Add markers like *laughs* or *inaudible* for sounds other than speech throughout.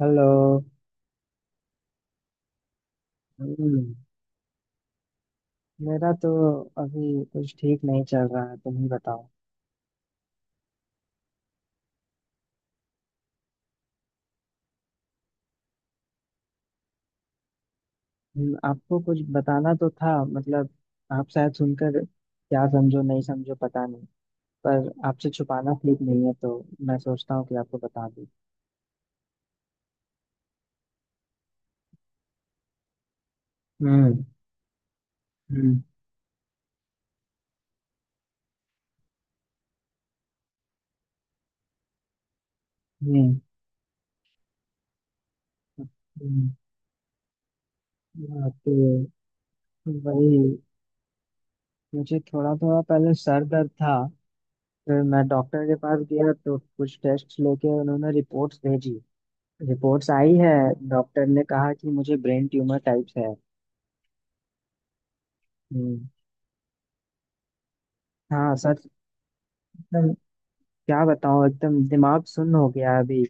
Hello. हम्म, मेरा तो अभी कुछ ठीक नहीं चल रहा है। तुम ही बताओ। आपको कुछ बताना तो था, मतलब आप शायद सुनकर क्या समझो, नहीं समझो, पता नहीं। पर आपसे छुपाना ठीक नहीं है, तो मैं सोचता हूँ कि आपको बता दूँ। हम्म। हम्म। हम्म। हम्म, तो वही, मुझे थोड़ा थोड़ा पहले सर दर्द था। फिर मैं डॉक्टर के पास गया तो कुछ टेस्ट लेके उन्होंने रिपोर्ट्स भेजी। रिपोर्ट्स आई है। डॉक्टर ने कहा कि मुझे ब्रेन ट्यूमर टाइप्स है। हम्म। हाँ, सच। एकदम। क्या बताऊँ, एकदम दिमाग सुन्न हो गया है अभी।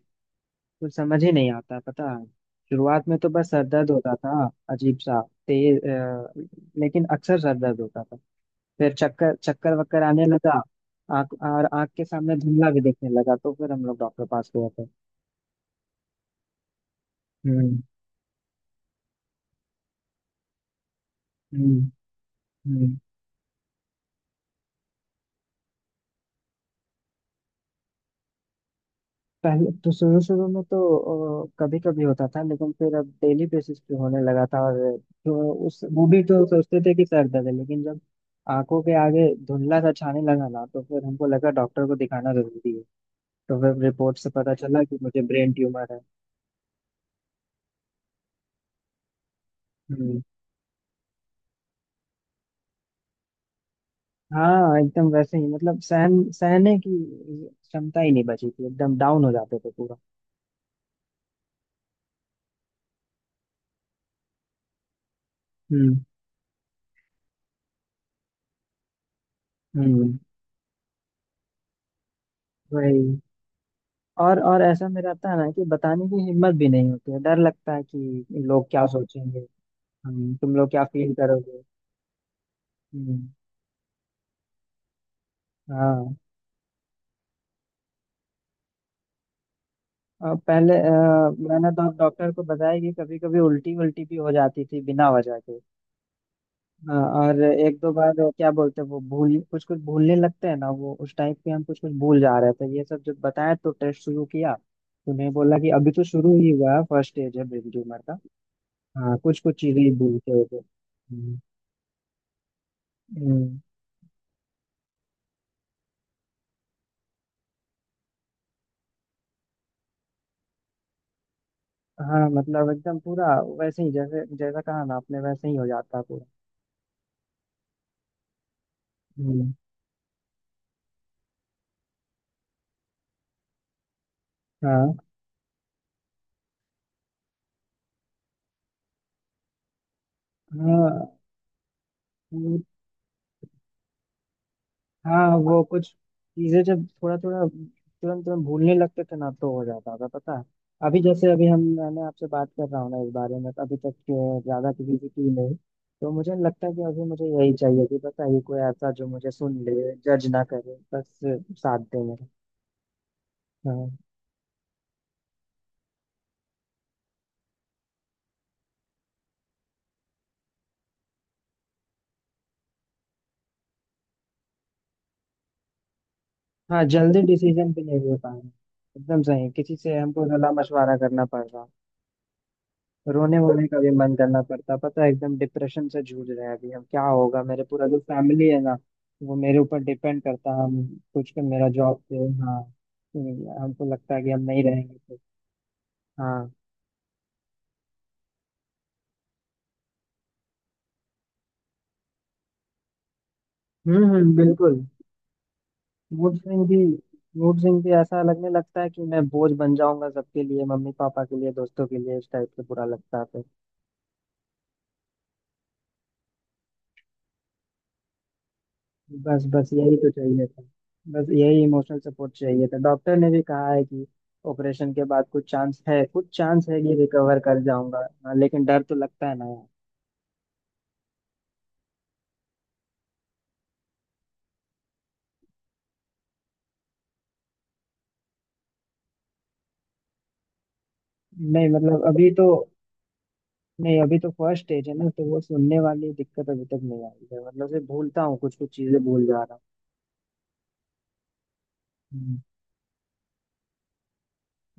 कुछ समझ ही नहीं आता, पता है। शुरुआत में तो बस सर दर्द होता था, अजीब सा, तेज लेकिन अक्सर सर दर्द होता था। फिर चक्कर चक्कर वक्कर आने लगा। आँख और आँख के सामने धुंधला भी दिखने लगा तो फिर हम लोग डॉक्टर पास गए थे। हम्म। हम्म। हम्म। पहले तो शुरू शुरू में तो कभी कभी होता था, लेकिन फिर अब डेली बेसिस पे होने लगा था। और तो उस वो भी तो सोचते थे कि सर दर्द है, लेकिन जब आंखों के आगे धुंधला सा छाने लगा ना तो फिर हमको लगा डॉक्टर को दिखाना जरूरी है। तो फिर रिपोर्ट से पता चला कि मुझे ब्रेन ट्यूमर है। हम्म। हाँ, एकदम वैसे ही, मतलब सहन सहने की क्षमता ही नहीं बची थी, एकदम डाउन हो जाते थे पूरा। हम्म। हम्म। वही। और ऐसा में रहता है ना, कि बताने की हिम्मत भी नहीं होती है, डर लगता है कि लोग क्या सोचेंगे। तुम लोग क्या फील करोगे। हम्म। हाँ। और पहले मैंने तो डॉक्टर को बताया कि कभी कभी उल्टी उल्टी भी हो जाती थी बिना वजह के। हाँ। और एक दो बार वो क्या बोलते हैं, वो भूल, कुछ कुछ भूलने लगते हैं ना, वो उस टाइप के हम कुछ कुछ भूल जा रहे थे। ये सब जब बताया तो टेस्ट शुरू किया। तो उन्हें बोला कि अभी तो शुरू ही हुआ है, फर्स्ट स्टेज है ब्रेन ट्यूमर का। हाँ, कुछ कुछ चीजें भूल के हो गए। हम्म। हम्म। हाँ, मतलब एकदम पूरा वैसे ही, जैसे जैसा कहा ना आपने वैसे ही हो जाता है पूरा। हम्म। हाँ। हाँ। वो- हाँ, वो कुछ चीजें, जब थोड़ा थोड़ा तुरंत तुरंत भूलने लगते थे ना तो हो जाता था, पता है। अभी जैसे अभी हम मैंने आपसे बात कर रहा हूँ ना, इस बारे में तो अभी तक ज्यादा किसी से की नहीं। तो मुझे लगता है कि अभी मुझे यही चाहिए, कि पता है, ये कोई ऐसा जो मुझे सुन ले, जज ना करे बस, साथ दे मेरा। हाँ। हाँ, जल्दी डिसीजन भी नहीं ले पाएंगे, एकदम सही, किसी से हमको सलाह मशवरा करना पड़ रहा। रोने वोने का भी मन करना पड़ता, पता है, एकदम डिप्रेशन से जूझ रहे हैं अभी हम। क्या होगा मेरे, पूरा जो फैमिली है ना, वो मेरे ऊपर डिपेंड करता है, हम कुछ का, मेरा जॉब पे। हाँ। हमको लगता है कि हम नहीं रहेंगे तो। हाँ। हम्म। हम्म, बिल्कुल। मूड स्विंग भी मूड स्विंग भी ऐसा लगने लगता है कि मैं बोझ बन जाऊंगा, सबके लिए, मम्मी पापा के लिए, दोस्तों के लिए, इस टाइप से बुरा लगता है तो। बस बस, यही तो चाहिए था। बस यही इमोशनल सपोर्ट चाहिए था। डॉक्टर ने भी कहा है कि ऑपरेशन के बाद कुछ चांस है, कुछ चांस है कि रिकवर कर जाऊंगा। हाँ, लेकिन डर तो लगता है ना यार। नहीं, मतलब अभी तो, नहीं, अभी तो फर्स्ट स्टेज है ना, तो वो सुनने वाली दिक्कत अभी तक नहीं आई है, मतलब से भूलता हूँ, कुछ कुछ चीजें भूल जा रहा हूँ। हम्म।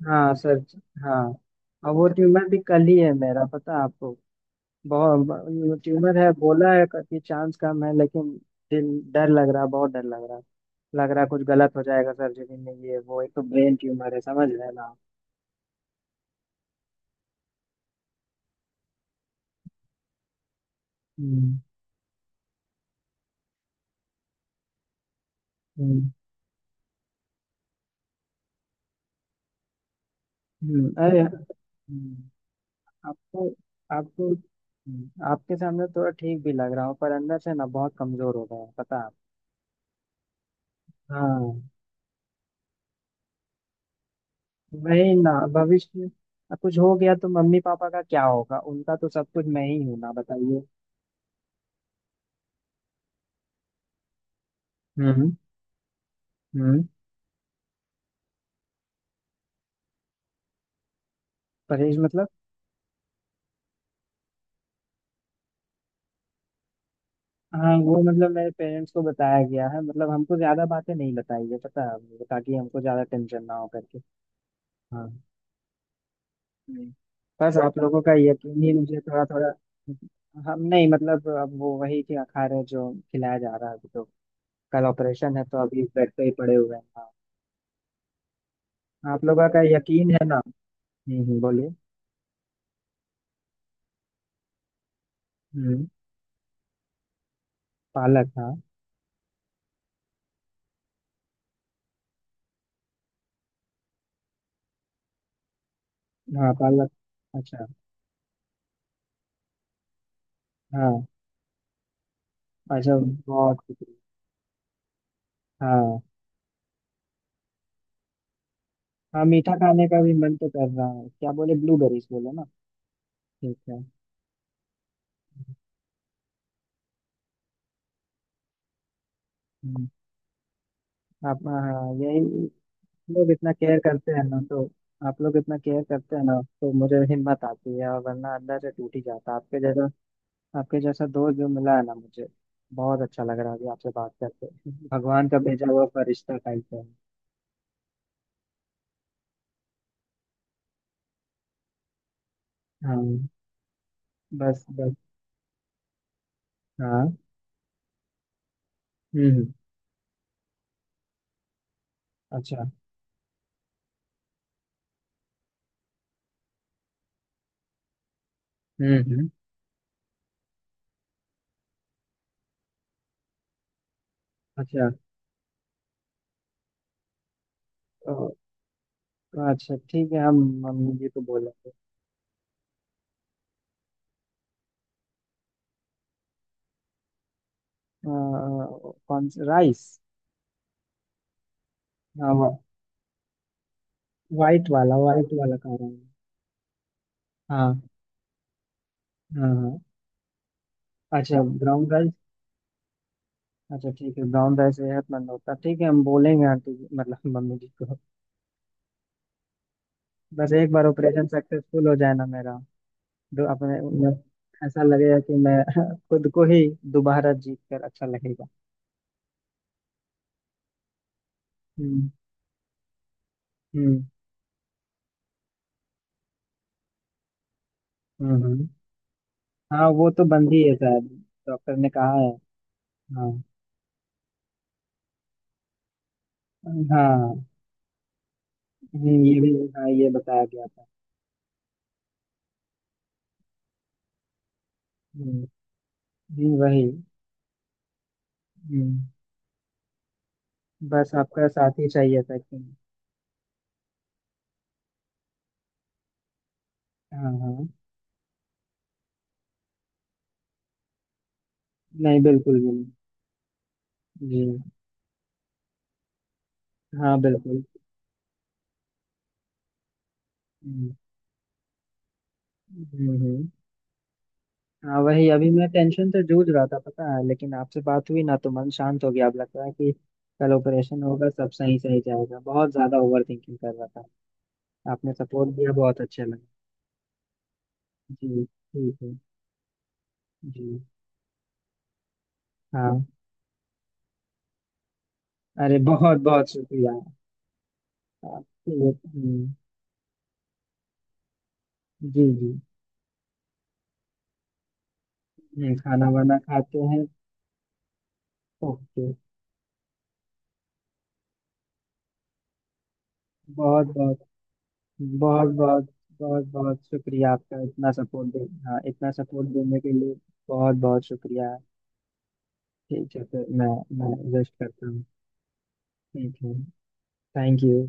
हाँ सर। हाँ। और वो ट्यूमर भी कल ही है मेरा, पता है आपको, बहुत ट्यूमर है, बोला है कि चांस कम है, लेकिन दिल, डर लग रहा, बहुत डर लग रहा, लग रहा है कुछ गलत हो जाएगा सर्जरी में, ये वो, एक तो ब्रेन ट्यूमर है, समझ रहे हैं ना आप। हम्म। हम्म। अरे। हम्म, आपको आपको आपके सामने थोड़ा ठीक भी लग रहा हूँ, पर अंदर से ना बहुत कमजोर हो गया है, पता है। हाँ, वही ना, भविष्य में। अब कुछ हो गया तो मम्मी पापा का क्या होगा, उनका तो सब कुछ मैं ही हूं ना, बताइए। हम्म। हम्म। परहेज मतलब? हाँ, वो मतलब मेरे पेरेंट्स को बताया गया है, मतलब हमको ज्यादा बातें नहीं बताई है, पता है, ताकि हमको ज्यादा टेंशन ना हो करके। हाँ। हम्म, बस आप लोगों का यकीन ही मुझे थोड़ा थोड़ा। हम, नहीं मतलब, अब वो वही क्या खा रहे हैं जो खिलाया जा रहा है अभी तो। कल ऑपरेशन है तो अभी बेड पे ही पड़े हुए हैं। हाँ। आप लोगों का यकीन है ना। हम्म। बोलिए। हम्म। पालक, हाँ। हाँ, पालक। अच्छा। हाँ। अच्छा, बहुत शुक्रिया। हाँ, हाँ, मीठा खाने का भी मन तो कर रहा है। क्या बोले, ब्लूबेरीज बोले ना। ठीक है। हम्म, आप, हाँ, यही लोग इतना केयर करते हैं ना तो, आप लोग इतना केयर करते हैं ना तो मुझे हिम्मत आती है, और वरना अंदर से टूट ही जाता। आपके जैसा, आपके जैसा दोस्त जो मिला है ना मुझे, बहुत अच्छा लग रहा है अभी आपसे बात करके। भगवान का भेजा हुआ फरिश्ता टाइप है। हाँ। बस बस। हाँ। हम्म। अच्छा। हम्म। हम्म। अच्छा। तो, अच्छा, ठीक है, हम मम्मी जी को बोलेंगे। अ, कौन सा राइस? हाँ, वाइट वाला, वाइट वाला खा रहा हूँ। हाँ। हाँ। हाँ। अच्छा, ब्राउन राइस। अच्छा, ठीक है, ब्राउन राइस सेहतमंद होता है, ठीक है, हम बोलेंगे मतलब मम्मी जी को। बस एक बार ऑपरेशन सक्सेसफुल *laughs* हो जाए ना मेरा, तो अपने मैं- ऐसा लगेगा कि मैं *laughs* खुद को ही दोबारा जीत कर अच्छा लगेगा। हम्म। हम्म। हम्म। हम्म। हाँ, वो तो बंद ही है शायद, डॉक्टर ने कहा है। हाँ। हाँ। ये भी। हाँ, ये बताया गया था। हम्म। वही। हम्म। बस आपका साथ ही चाहिए था कि। हाँ। हाँ। नहीं, बिल्कुल भी नहीं। जी। हाँ, बिल्कुल। हम्म। हम्म। हम्म। हाँ, वही, अभी मैं टेंशन से जूझ रहा था, पता है, लेकिन आपसे बात हुई ना तो मन शांत हो गया, अब लगता है कि कल ऑपरेशन होगा, सब सही सही जाएगा। बहुत ज्यादा ओवर थिंकिंग कर रहा था। आपने सपोर्ट दिया, बहुत अच्छा लगा। जी, ठीक है। जी। हाँ, अरे बहुत बहुत शुक्रिया। आपके लिए। जी जी। खाना वाना खाते हैं। ओके। बहुत बहुत। बहुत बहुत। बहुत बहुत शुक्रिया आपका, इतना सपोर्ट दे हाँ, इतना सपोर्ट देने के लिए बहुत बहुत शुक्रिया। ठीक है, फिर मैं विश करता हूँ। ठीक है। Thank you.